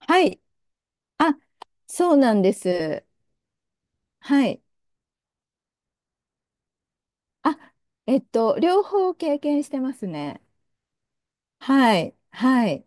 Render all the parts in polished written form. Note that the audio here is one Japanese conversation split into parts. はい。あ、そうなんです。はい。あ、両方経験してますね。はい。はい。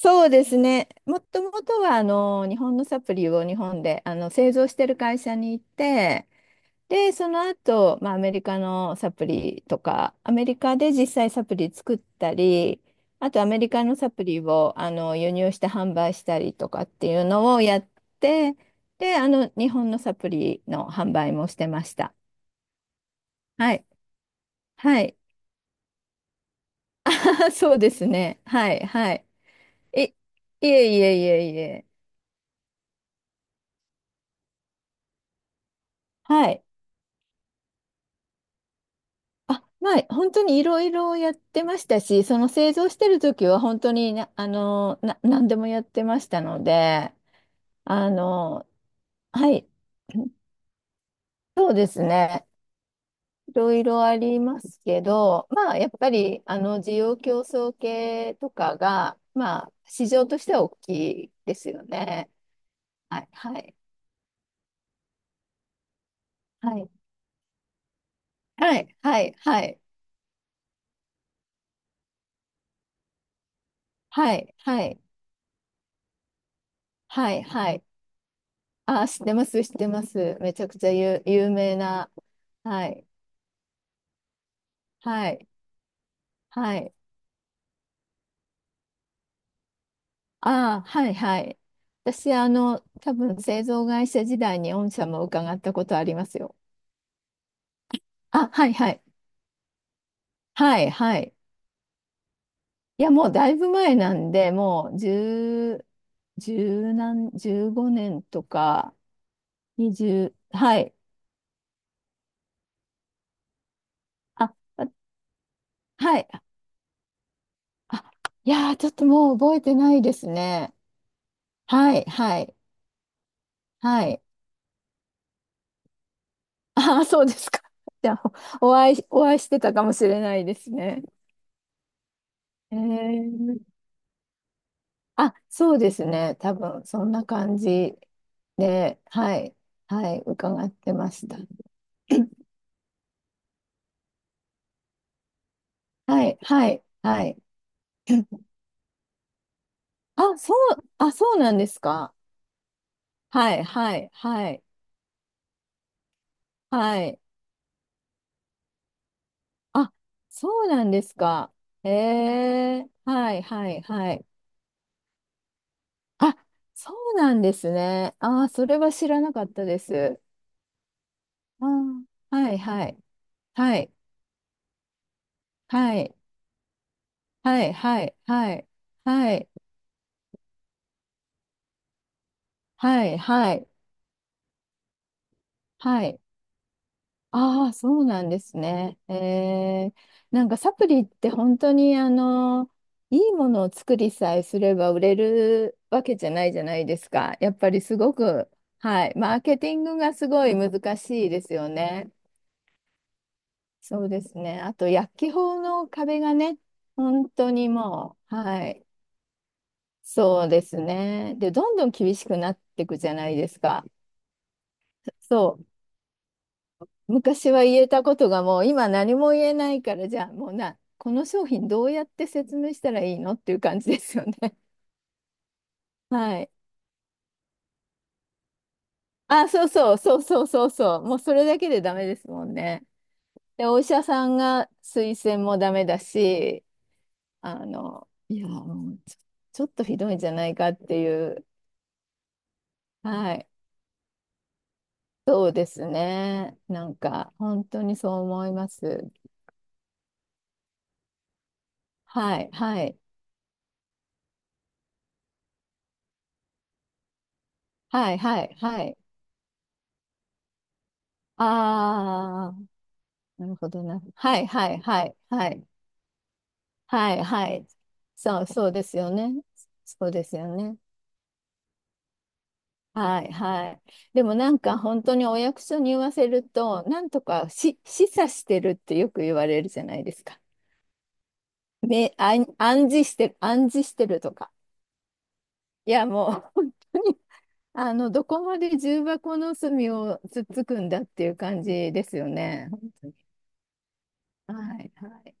そうですね。もともとは、日本のサプリを日本で、製造してる会社に行って、で、その後、まあ、アメリカのサプリとか、アメリカで実際サプリ作ったり、あとアメリカのサプリを輸入して販売したりとかっていうのをやって、で、日本のサプリの販売もしてました。はい。はい。そうですね。はい。はい。え、いえいえいえいえ。はい。あ、まあ、本当にいろいろやってましたし、その製造してる時は本当にな、あの、な、何でもやってましたので、あの、はい。そうですね。いろいろありますけど、まあ、やっぱり、需要競争系とかが、まあ、市場としては大きいですよね。はい、はい、はい、はい、はい、はい、はい、はい、はい、はい。あ、知ってます、知ってます。めちゃくちゃ有名な。はい、はい、はい。あ、はい、はい。私、多分製造会社時代に御社も伺ったことありますよ。あ、はいはい。はいはい。いや、もうだいぶ前なんで、もう10、10何、15年とか、20、はい。あ、はい。あ、いやー、ちょっともう覚えてないですね。はいはい。はい。ああ、そうですか。じゃあ、お会いしてたかもしれないですね。えー、あ、そうですね。多分、そんな感じで、はい。はい。伺ってました。はいはい。はい。あ、そうなんですか。はい、はい、はい、はい。あ、そうなんですか。へえ、はい、はい、はい。あ、そうなんですね。あー、それは知らなかったです。あー、はい、はい、はい、はい、はい、はい、はい、はい、はい、はい、はい。ああ、そうなんですね。ええ、なんかサプリって本当に、いいものを作りさえすれば売れるわけじゃないじゃないですか。やっぱりすごく、はい、マーケティングがすごい難しいですよね。そうですね。あと薬機法の壁がね、本当にもう、はい、そうですね。で、どんどん厳しくなっていくじゃないですか。そう。昔は言えたことがもう今何も言えないから、じゃあもうな、この商品どうやって説明したらいいのっていう感じですよね。はい。あ、そうそうそうそうそうそう。もうそれだけでダメですもんね。で、お医者さんが推薦もダメだし、もうちょちょっとひどいんじゃないかっていう。はい。そうですね。なんか本当にそう思います。はいはいはいはいはい。ああ。なるほどな。はいはいはいはいはいはい。そうですよね。そうですよね。はいはい。でもなんか本当にお役所に言わせると、なんとかし示唆してるってよく言われるじゃないですか。ね、暗示してる、暗示してるとか。もう本当にどこまで重箱の隅をつっつくんだっていう感じですよね。本当に。はいはい。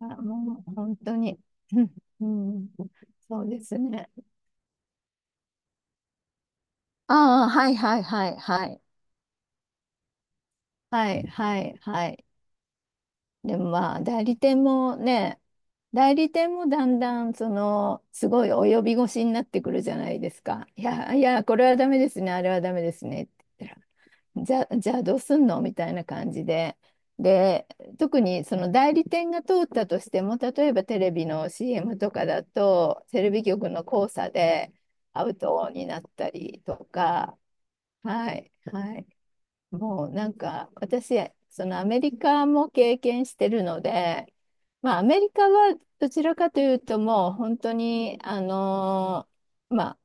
あ、もう本当に。うん、うん。そうですね。ああ、はいはいはいはい。はい、はい、はい。でもまあ、代理店もね、代理店もだんだん、その、すごい及び腰になってくるじゃないですか。いや、いや、これはダメですね、あれはダメですねって言ったら、じゃあどうすんのみたいな感じで。で、特にその代理店が通ったとしても、例えばテレビの CM とかだと、テレビ局の交差でアウトになったりとか、はい、はい。もうなんか私、そのアメリカも経験してるので、まあ、アメリカはどちらかというともう本当にーまあ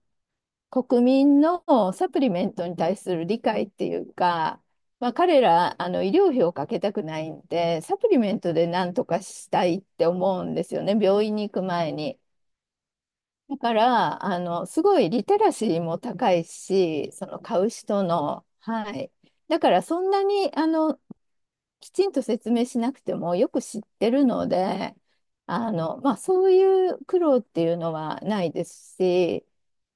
国民のサプリメントに対する理解っていうか、まあ、彼ら医療費をかけたくないんでサプリメントでなんとかしたいって思うんですよね、病院に行く前に。だから、すごいリテラシーも高いし、その買う人の、はい。だからそんなに、きちんと説明しなくてもよく知ってるので、まあ、そういう苦労っていうのはないですし、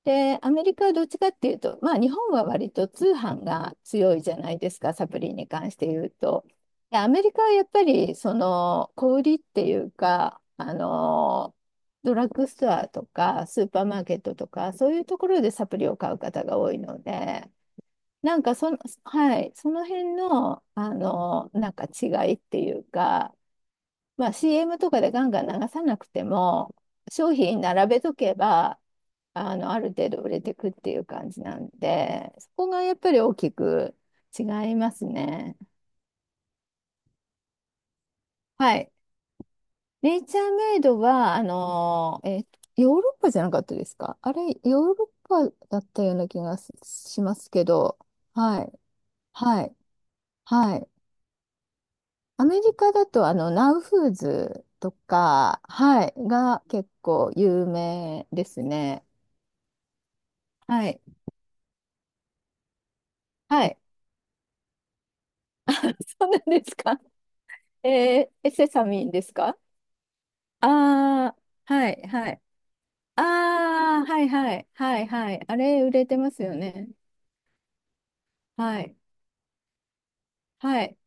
で、アメリカはどっちかっていうと、まあ、日本は割と通販が強いじゃないですか、サプリに関して言うと。で、アメリカはやっぱり、その、小売りっていうか、ドラッグストアとか、スーパーマーケットとか、そういうところでサプリを買う方が多いので、なんかその、はい、その辺の、なんか違いっていうか、まあ、CM とかでガンガン流さなくても、商品並べとけば、ある程度売れてくっていう感じなんで、そこがやっぱり大きく違いますね。はい。ネイチャーメイドは、ヨーロッパじゃなかったですかあれ、ヨーロッパだったような気がしますけど、はい、はい、はい。アメリカだと、ナウフーズとか、はい、が結構有名ですね。はい。はい。あ、そうなんですか。えセサミンですか？ああー、はい、はい。ああ、はい、はい、はい、はい。あれ、売れてますよね。はい、はい。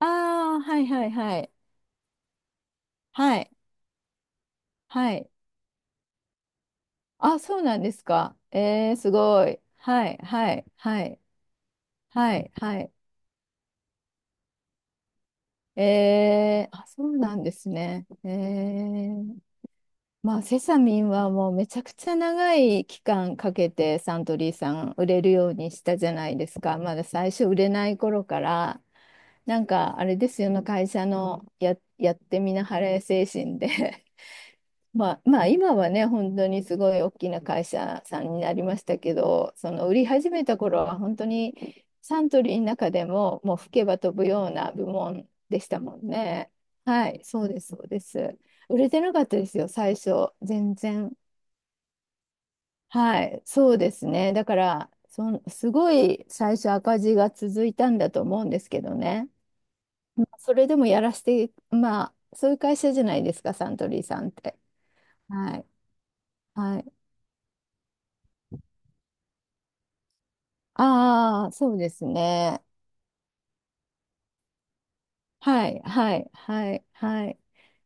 ああ、はい、はい、はい。はい、はい。あ、そうなんですか。えー、すごい。はい、はい、はい、はい、はい。えー、あ、そうなんですね。えー、まあ、セサミンはもうめちゃくちゃ長い期間かけてサントリーさん売れるようにしたじゃないですか。まだ最初売れない頃から、なんかあれですよね、会社のやってみなはれ精神で、まあ今はね、本当にすごい大きな会社さんになりましたけど、その売り始めた頃は本当にサントリーの中でももう吹けば飛ぶような部門でしたもんね。はい、そうですそうです。売れてなかったですよ、最初全然。はい、そうですね。だからすごい最初赤字が続いたんだと思うんですけどね。まあそれでもやらせて、まあそういう会社じゃないですか、サントリーさんって。はいはい。ああ、そうですね。はい、はい、はい、はい。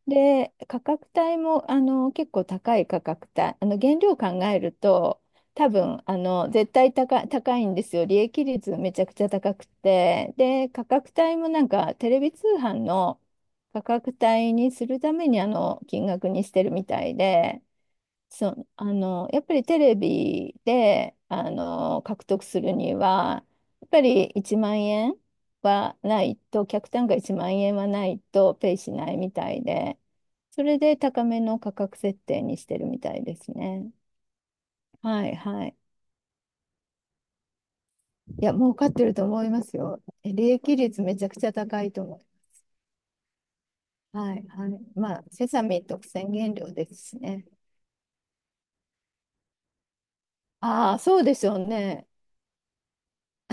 で、価格帯も、結構高い価格帯。原料考えると、多分、絶対高い、高いんですよ。利益率めちゃくちゃ高くて。で、価格帯もなんか、テレビ通販の価格帯にするために、金額にしてるみたいで。そう、やっぱりテレビで、獲得するには、やっぱり1万円はないと、客単価1万円はないとペイしないみたいで、それで高めの価格設定にしてるみたいですね。はいはい。いや、儲かってると思いますよ。利益率めちゃくちゃ高いと思う。はいはい。まあ、セサミン特選原料ですしね。ああ、そうでしょうね。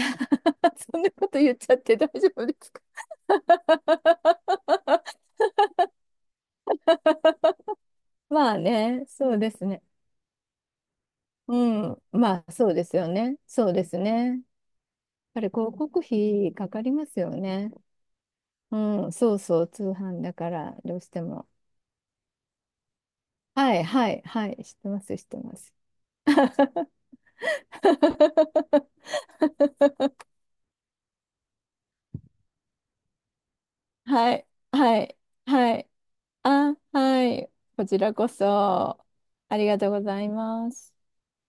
そんなこと言っちゃって大丈夫ですか？まあね、そうですね。うん、まあそうですよね。そうですね。やっぱり広告費かかりますよね。うん、そうそう、通販だからどうしても。はいはいはい、知ってます、知ってます。はいはいはい。あ、はい。こちらこそありがとうございます。